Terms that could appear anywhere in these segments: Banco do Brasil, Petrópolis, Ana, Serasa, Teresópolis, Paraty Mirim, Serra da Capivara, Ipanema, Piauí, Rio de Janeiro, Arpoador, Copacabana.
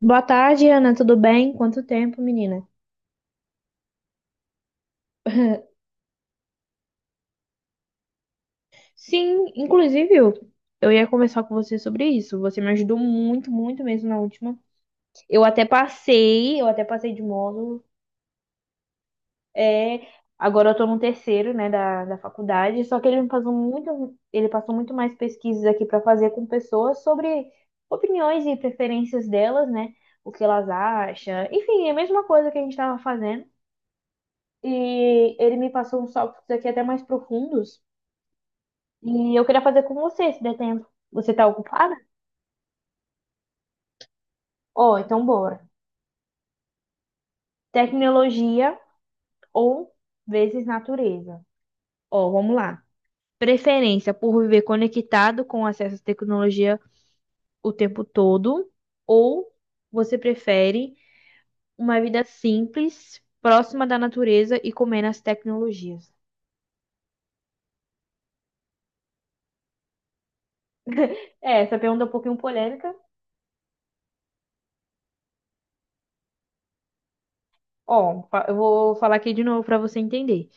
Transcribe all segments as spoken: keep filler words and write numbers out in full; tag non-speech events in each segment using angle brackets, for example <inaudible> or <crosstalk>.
Boa tarde, Ana. Tudo bem? Quanto tempo, menina? <laughs> Sim, inclusive eu, eu ia conversar com você sobre isso. Você me ajudou muito, muito mesmo na última. Eu até passei, eu até passei de módulo. É, agora eu tô no terceiro, né, da, da faculdade. Só que ele me passou muito, ele passou muito mais pesquisas aqui pra fazer com pessoas sobre opiniões e preferências delas, né? O que elas acham. Enfim, é a mesma coisa que a gente tava fazendo. E ele me passou uns tópicos aqui até mais profundos. E eu queria fazer com você, se der tempo. Você tá ocupada? Ó, então bora. Tecnologia ou vezes natureza. Ó, vamos lá. Preferência por viver conectado com acesso à tecnologia o tempo todo, ou você prefere uma vida simples, próxima da natureza e comer nas tecnologias? É, essa pergunta é um pouquinho polêmica. Ó, fa- eu vou falar aqui de novo para você entender.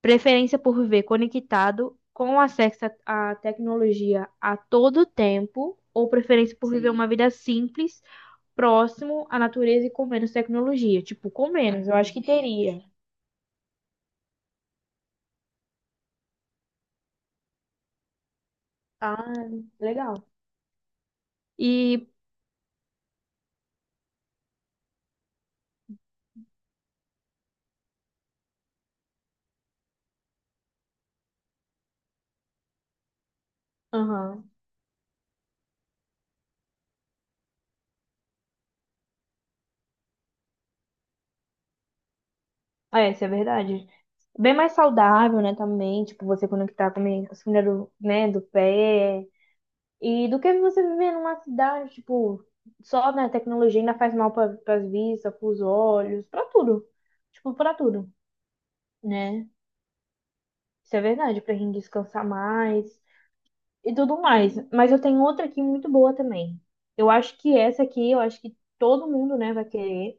Preferência por viver conectado com acesso à à tecnologia a todo tempo, ou preferência por viver Sim. uma vida simples, próximo à natureza e com menos tecnologia? Tipo, com menos, eu acho que teria. Ah, legal. E, aham. Ah, é, isso é verdade. Bem mais saudável, né, também, tipo, você conectar com a comida do, né, do pé, e do que você viver numa cidade, tipo, só, né, tecnologia ainda faz mal para as vistas, para os olhos, para tudo. Tipo, para tudo, né? Isso é verdade, pra gente descansar mais e tudo mais. Mas eu tenho outra aqui muito boa também. Eu acho que essa aqui, eu acho que todo mundo, né, vai querer.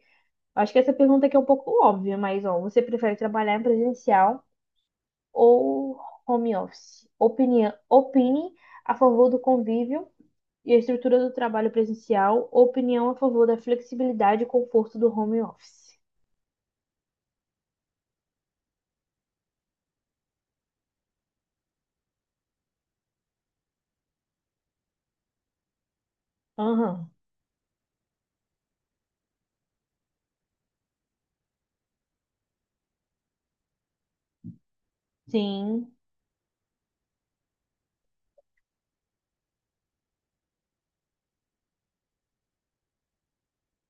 Eu acho que essa pergunta aqui é um pouco óbvia, mas, ó, você prefere trabalhar em presencial ou home office? Opinião, opine a favor do convívio e a estrutura do trabalho presencial, opinião a favor da flexibilidade e conforto do home office. Aham, sim.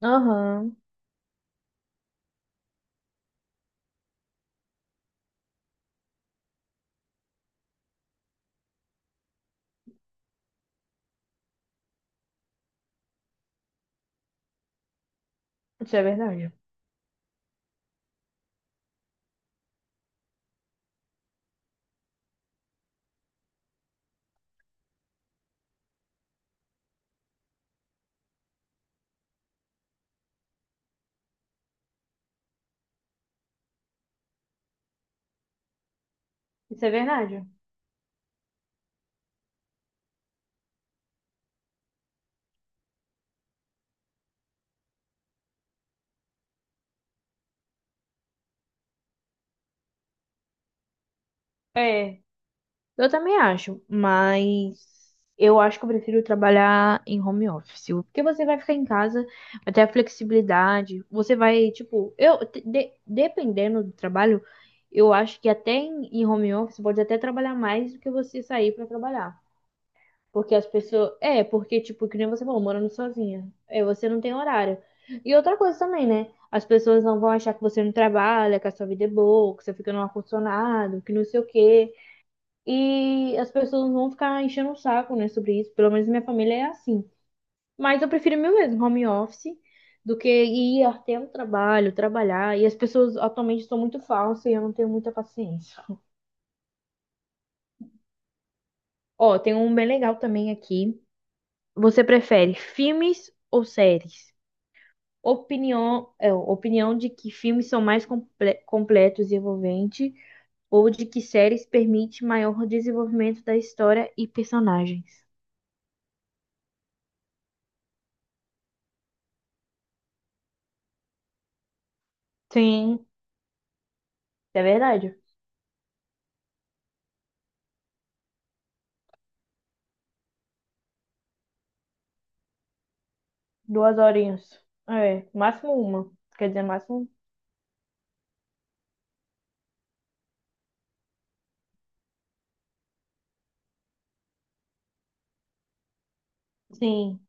Aham, isso é verdade. Isso é verdade. É, eu também acho, mas eu acho que eu prefiro trabalhar em home office, porque você vai ficar em casa, vai ter a flexibilidade, você vai, tipo, eu, de- dependendo do trabalho, eu acho que até em, em home office pode até trabalhar mais do que você sair para trabalhar. Porque as pessoas. É, porque, tipo, que nem você falou, morando sozinha. É, você não tem horário. E outra coisa também, né? As pessoas não vão achar que você não trabalha, que a sua vida é boa, que você fica no ar-condicionado, que não sei o quê. E as pessoas não vão ficar enchendo o saco, né, sobre isso. Pelo menos minha família é assim. Mas eu prefiro meu mesmo home office do que ir até o trabalho, trabalhar. E as pessoas atualmente são muito falsas e eu não tenho muita paciência. Ó, tem um bem legal também aqui. Você prefere filmes ou séries? Opinião, é, opinião de que filmes são mais comple- completos e envolventes, ou de que séries permite maior desenvolvimento da história e personagens. Sim, é verdade. Duas horinhas. É, máximo uma. Quer dizer, máximo. Sim.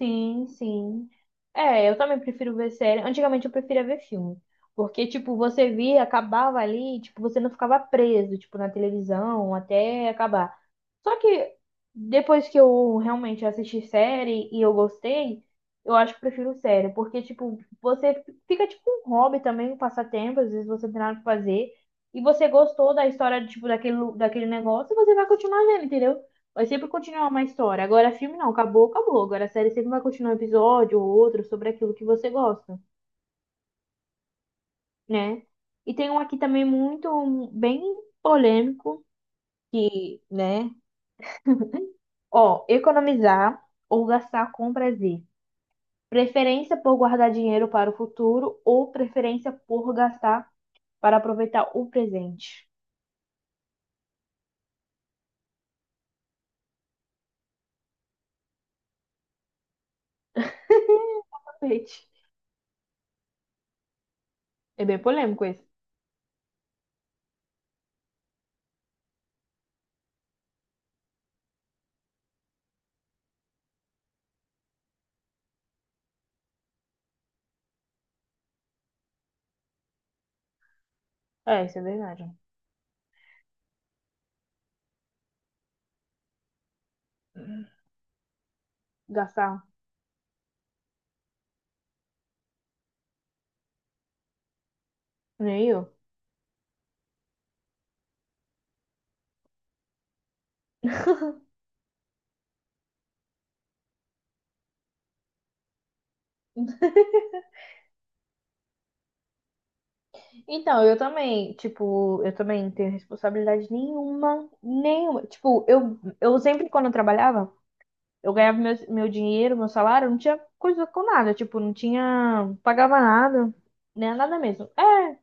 Sim, sim. É, eu também prefiro ver série. Antigamente eu preferia ver filme. Porque, tipo, você via, acabava ali, tipo, você não ficava preso, tipo, na televisão até acabar. Só que depois que eu realmente assisti série e eu gostei, eu acho que prefiro série. Porque, tipo, você fica tipo um hobby também, um passatempo, às vezes você não tem nada pra fazer. E você gostou da história, tipo, daquele, lu- daquele negócio, você vai continuar vendo, entendeu? Vai sempre continuar uma história. Agora, filme não, acabou, acabou. Agora, a série sempre vai continuar um episódio ou outro sobre aquilo que você gosta, né? E tem um aqui também muito, um, bem polêmico, e, né? Ó, economizar ou gastar com prazer. Preferência por guardar dinheiro para o futuro ou preferência por gastar para aproveitar o presente. Tapete. É bem polêmico esse. É, isso é verdade. Gastar, nem eu. Então, eu também, tipo, eu também não tenho responsabilidade nenhuma, nenhuma. Tipo, eu, eu sempre, quando eu trabalhava, eu ganhava meu, meu dinheiro, meu salário, não tinha coisa com nada, tipo, não tinha, pagava nada, né, nada mesmo. É,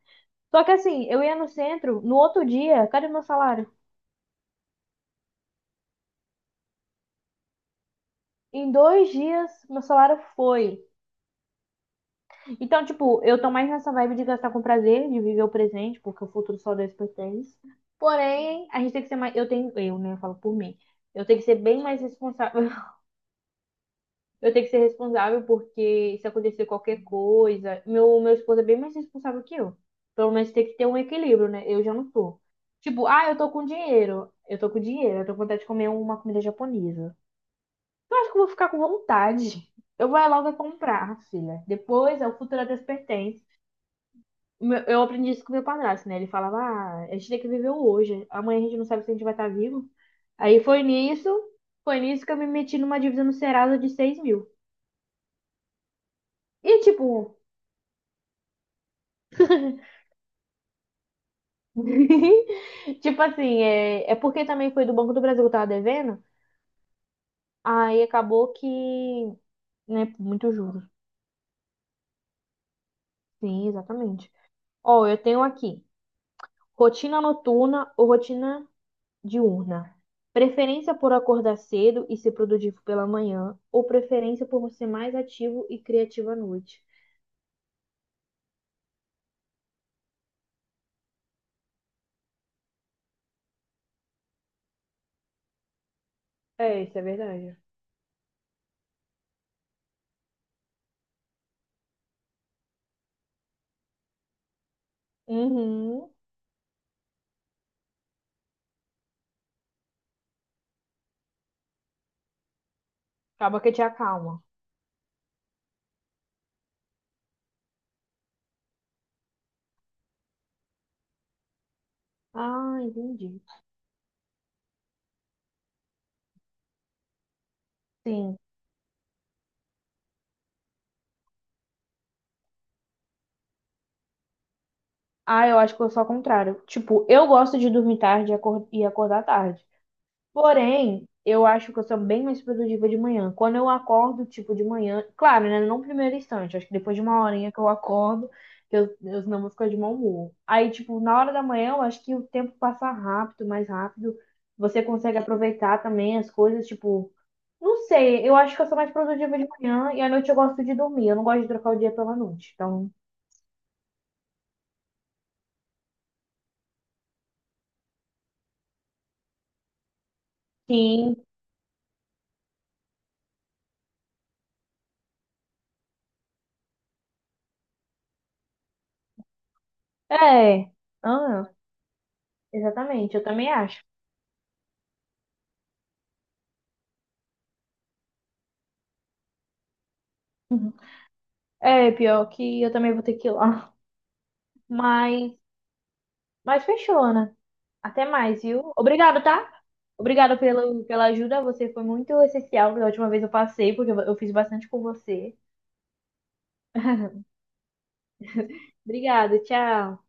só que assim, eu ia no centro, no outro dia, cadê meu salário? Em dois dias, meu salário foi. Então, tipo, eu tô mais nessa vibe de gastar com prazer, de viver o presente, porque o futuro só Deus pertence. Porém, a gente tem que ser mais. Eu tenho. Eu, né? Eu falo por mim. Eu tenho que ser bem mais responsável. <laughs> Eu tenho que ser responsável porque se acontecer qualquer coisa. Meu, meu esposo é bem mais responsável que eu. Pelo menos tem que ter um equilíbrio, né? Eu já não tô. Tipo, ah, eu tô com dinheiro. Eu tô com dinheiro. Eu tô com vontade de comer uma comida japonesa. Eu acho que eu vou ficar com vontade. Eu vou é logo comprar, filha. Depois, é o futuro a Deus pertence. o meu- Eu aprendi isso com meu padrasto, né? Ele falava, ah, a gente tem que viver o hoje. Amanhã a gente não sabe se a gente vai estar vivo. Aí foi nisso, foi nisso que eu me meti numa dívida no Serasa de seis mil. E tipo, <laughs> tipo assim, é, é porque também foi do Banco do Brasil que eu tava devendo. Aí acabou que, né, muito juros. Sim, exatamente. Ó, eu tenho aqui, rotina noturna ou rotina diurna. Preferência por acordar cedo e ser produtivo pela manhã, ou preferência por ser mais ativo e criativo à noite. É, isso é verdade. Uhum. Acaba que te acalma. Ah, entendi. Sim. Ah, eu acho que eu sou ao contrário. Tipo, eu gosto de dormir tarde e acor- e acordar tarde. Porém, eu acho que eu sou bem mais produtiva de manhã. Quando eu acordo, tipo, de manhã, claro, né? Não no primeiro instante, acho que depois de uma horinha que eu acordo, que eu, eu não vou ficar de mau humor. Aí, tipo, na hora da manhã, eu acho que o tempo passa rápido, mais rápido. Você consegue aproveitar também as coisas, tipo, não sei, eu acho que eu sou mais produtiva de manhã e à noite eu gosto de dormir. Eu não gosto de trocar o dia pela noite. Então, sim, é. Ah, exatamente, eu também acho. <laughs> É, pior que eu também vou ter que ir lá. Mas, mas fechou, Ana. Até mais, viu? Obrigado, tá? Obrigado pelo, pela ajuda. Você foi muito essencial. Da última vez eu passei, porque eu eu fiz bastante com você. <laughs> Obrigada, tchau.